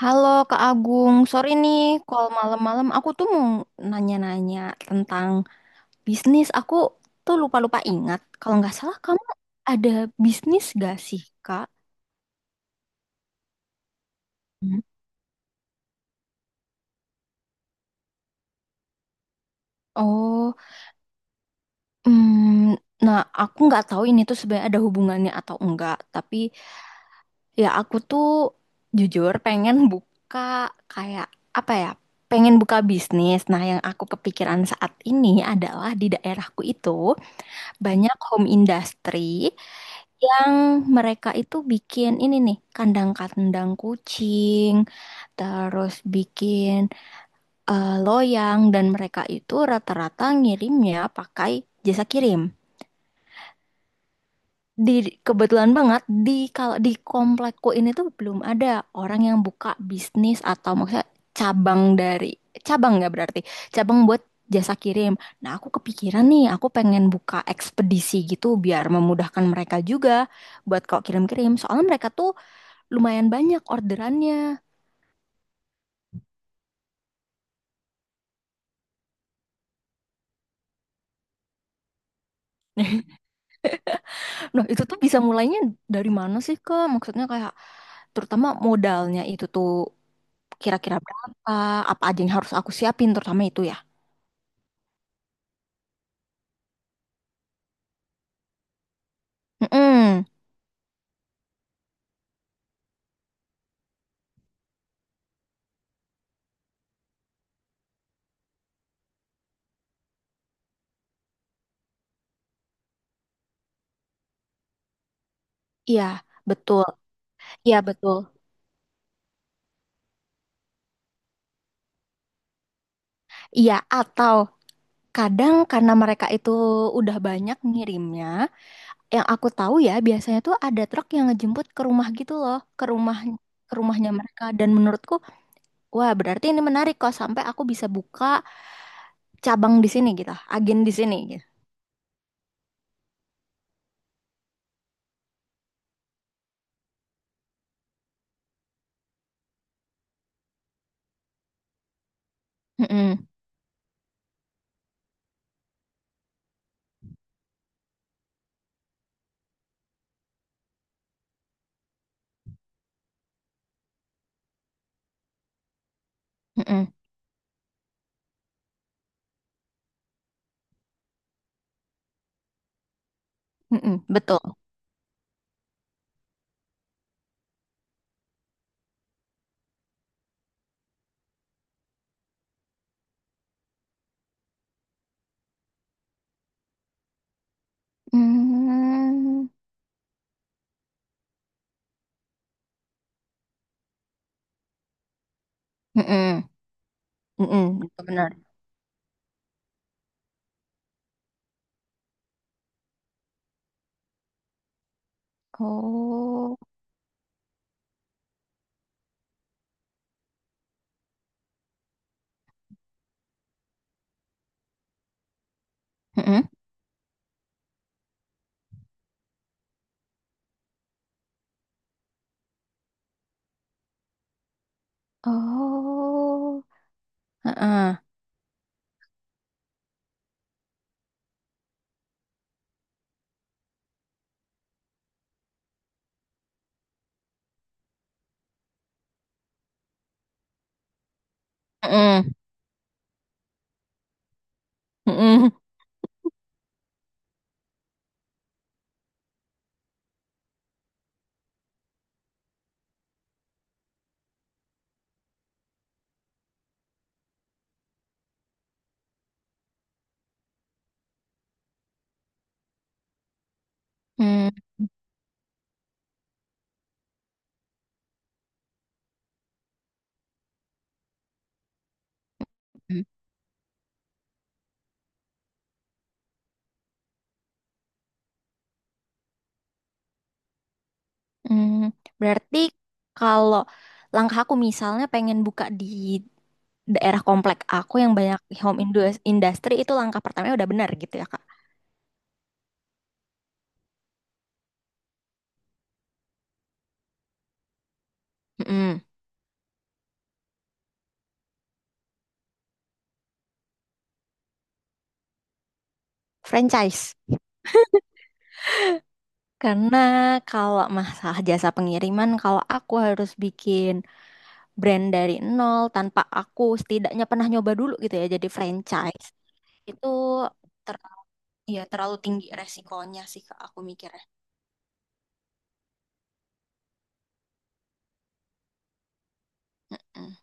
Halo Kak Agung, sorry nih call malam-malam. Aku tuh mau nanya-nanya tentang bisnis. Aku tuh lupa-lupa ingat. Kalau nggak salah kamu ada bisnis gak sih Kak? Hmm. Oh, hmm, nah aku nggak tahu ini tuh sebenarnya ada hubungannya atau enggak. Tapi ya aku tuh jujur pengen buka kayak apa ya? Pengen buka bisnis. Nah, yang aku kepikiran saat ini adalah di daerahku itu banyak home industry yang mereka itu bikin ini nih kandang-kandang kucing, terus bikin loyang dan mereka itu rata-rata ngirimnya pakai jasa kirim. Di kebetulan banget kalau di komplekku ini tuh belum ada orang yang buka bisnis atau maksudnya cabang dari cabang nggak berarti cabang buat jasa kirim. Nah, aku kepikiran nih, aku pengen buka ekspedisi gitu biar memudahkan mereka juga buat kalau kirim-kirim. Soalnya mereka tuh lumayan banyak orderannya. Nah, itu tuh bisa mulainya dari mana sih, Kak? Maksudnya kayak terutama modalnya itu tuh kira-kira berapa, apa aja yang harus aku siapin terutama itu ya. Mm-mm. Iya, betul. Iya, betul. Iya, atau kadang karena mereka itu udah banyak ngirimnya, yang aku tahu ya biasanya tuh ada truk yang ngejemput ke rumah gitu loh, ke rumah ke rumahnya mereka dan menurutku wah berarti ini menarik kok sampai aku bisa buka cabang di sini gitu, agen di sini gitu. Mm-mm, mm-mm, mm-mm, betul. Mm, mm-mm, mm-mm, betul benar. Oh, mm-mm, oh, heeh, mm-mm, mm-mm, mm, mm, mm. Berarti kalau langkah aku misalnya pengen buka di daerah komplek aku yang banyak industry itu langkah pertamanya udah benar gitu ya Kak. Mm-mm. Franchise. Karena kalau masalah jasa pengiriman, kalau aku harus bikin brand dari nol tanpa aku setidaknya pernah nyoba dulu gitu ya, jadi franchise. Itu ter ya terlalu tinggi resikonya sih Kak, aku mikirnya. Mm-mm.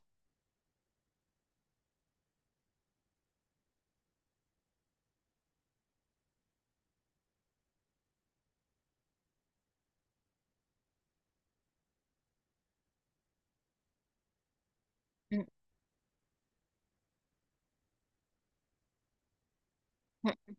Mm-mm.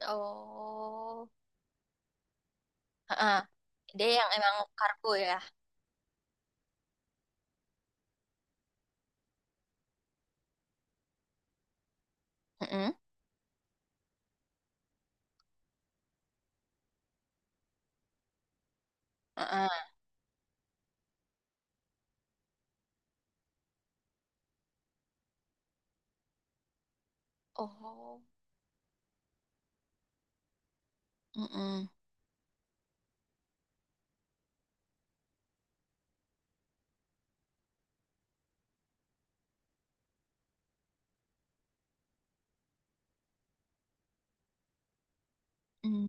Oh, heeh. Dia yang emang kargo ya. Mm-mm. Heeh. Oh, mm-mm. Mm-mm.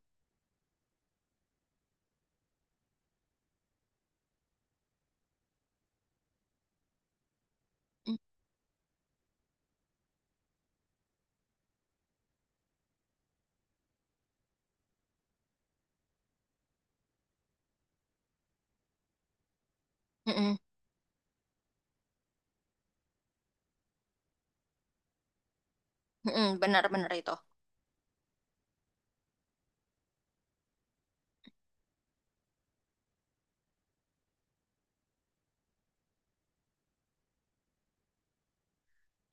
Mm-mm. Mm-mm. Benar-benar itu.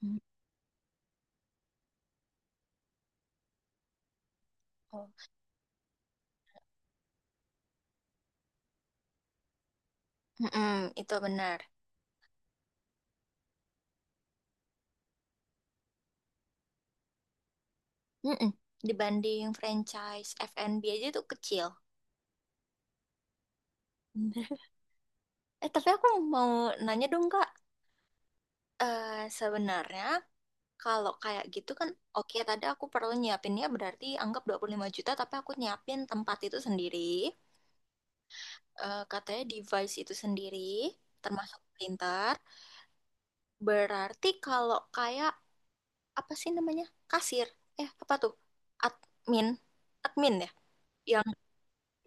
Mm. Oh. Mm-mm. Itu benar. Mm-mm. Dibanding franchise F&B aja tuh kecil. Tapi aku mau nanya dong, Kak. Eh, sebenarnya kalau kayak gitu kan, oke tadi aku perlu nyiapinnya berarti anggap 25 juta, tapi aku nyiapin tempat itu sendiri, katanya device itu sendiri, termasuk printer. Berarti kalau kayak, apa sih namanya? Kasir. Eh, apa tuh? Admin. Admin ya? Yang,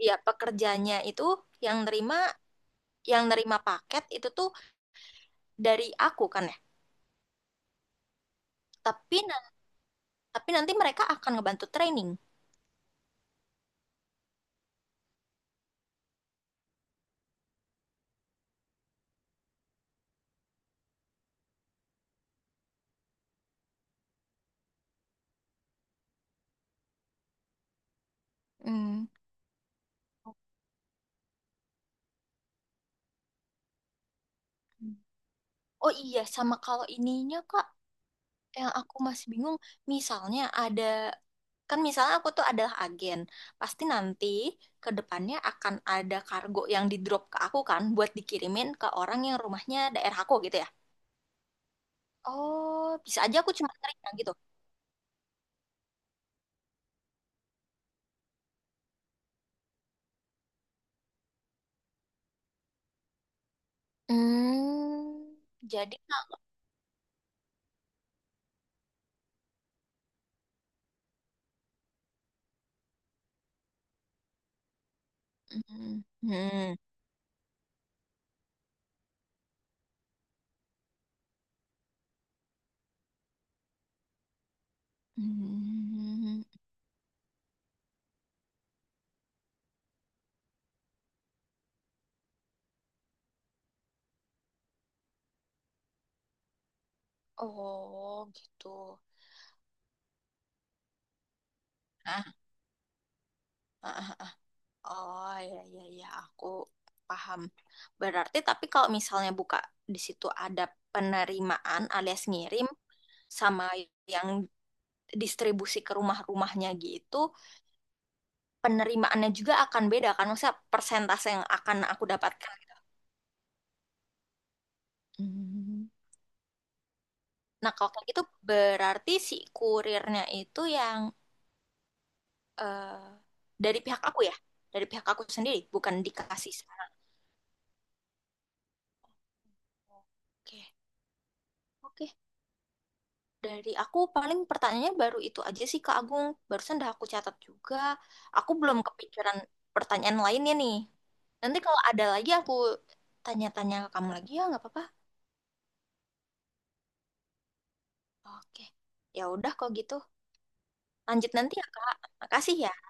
ya pekerjanya itu yang nerima yang nerima paket itu tuh dari aku kan ya. Tapi tapi nanti mereka akan ngebantu training. Hmm. Oh iya, sama kalau ininya Kak, yang aku masih bingung, misalnya ada kan misalnya aku tuh adalah agen, pasti nanti ke depannya akan ada kargo yang di drop ke aku kan buat dikirimin ke orang yang rumahnya daerah aku gitu ya. Oh, bisa aja aku cuma nerima gitu. Hmm, jadi Kak, hmm, hmm, hmm. Oh, gitu. Hah? Ah, oh, ya, ya, ya, aku paham. Berarti, tapi kalau misalnya buka di situ ada penerimaan alias ngirim sama yang distribusi ke rumah-rumahnya gitu, penerimaannya juga akan beda kan? Maksudnya persentase yang akan aku dapatkan. Gitu. Hmm. Nah, kalau kayak gitu berarti si kurirnya itu yang eh, dari pihak aku ya, dari pihak aku sendiri, bukan dikasih sama. Oke, oke, dari aku paling pertanyaannya baru itu aja sih Kak Agung. Barusan udah aku catat juga. Aku belum kepikiran pertanyaan lainnya nih. Nanti kalau ada lagi aku tanya-tanya ke kamu lagi ya nggak apa-apa. Oke. Ya udah kalau gitu. Lanjut nanti ya Kak. Makasih ya.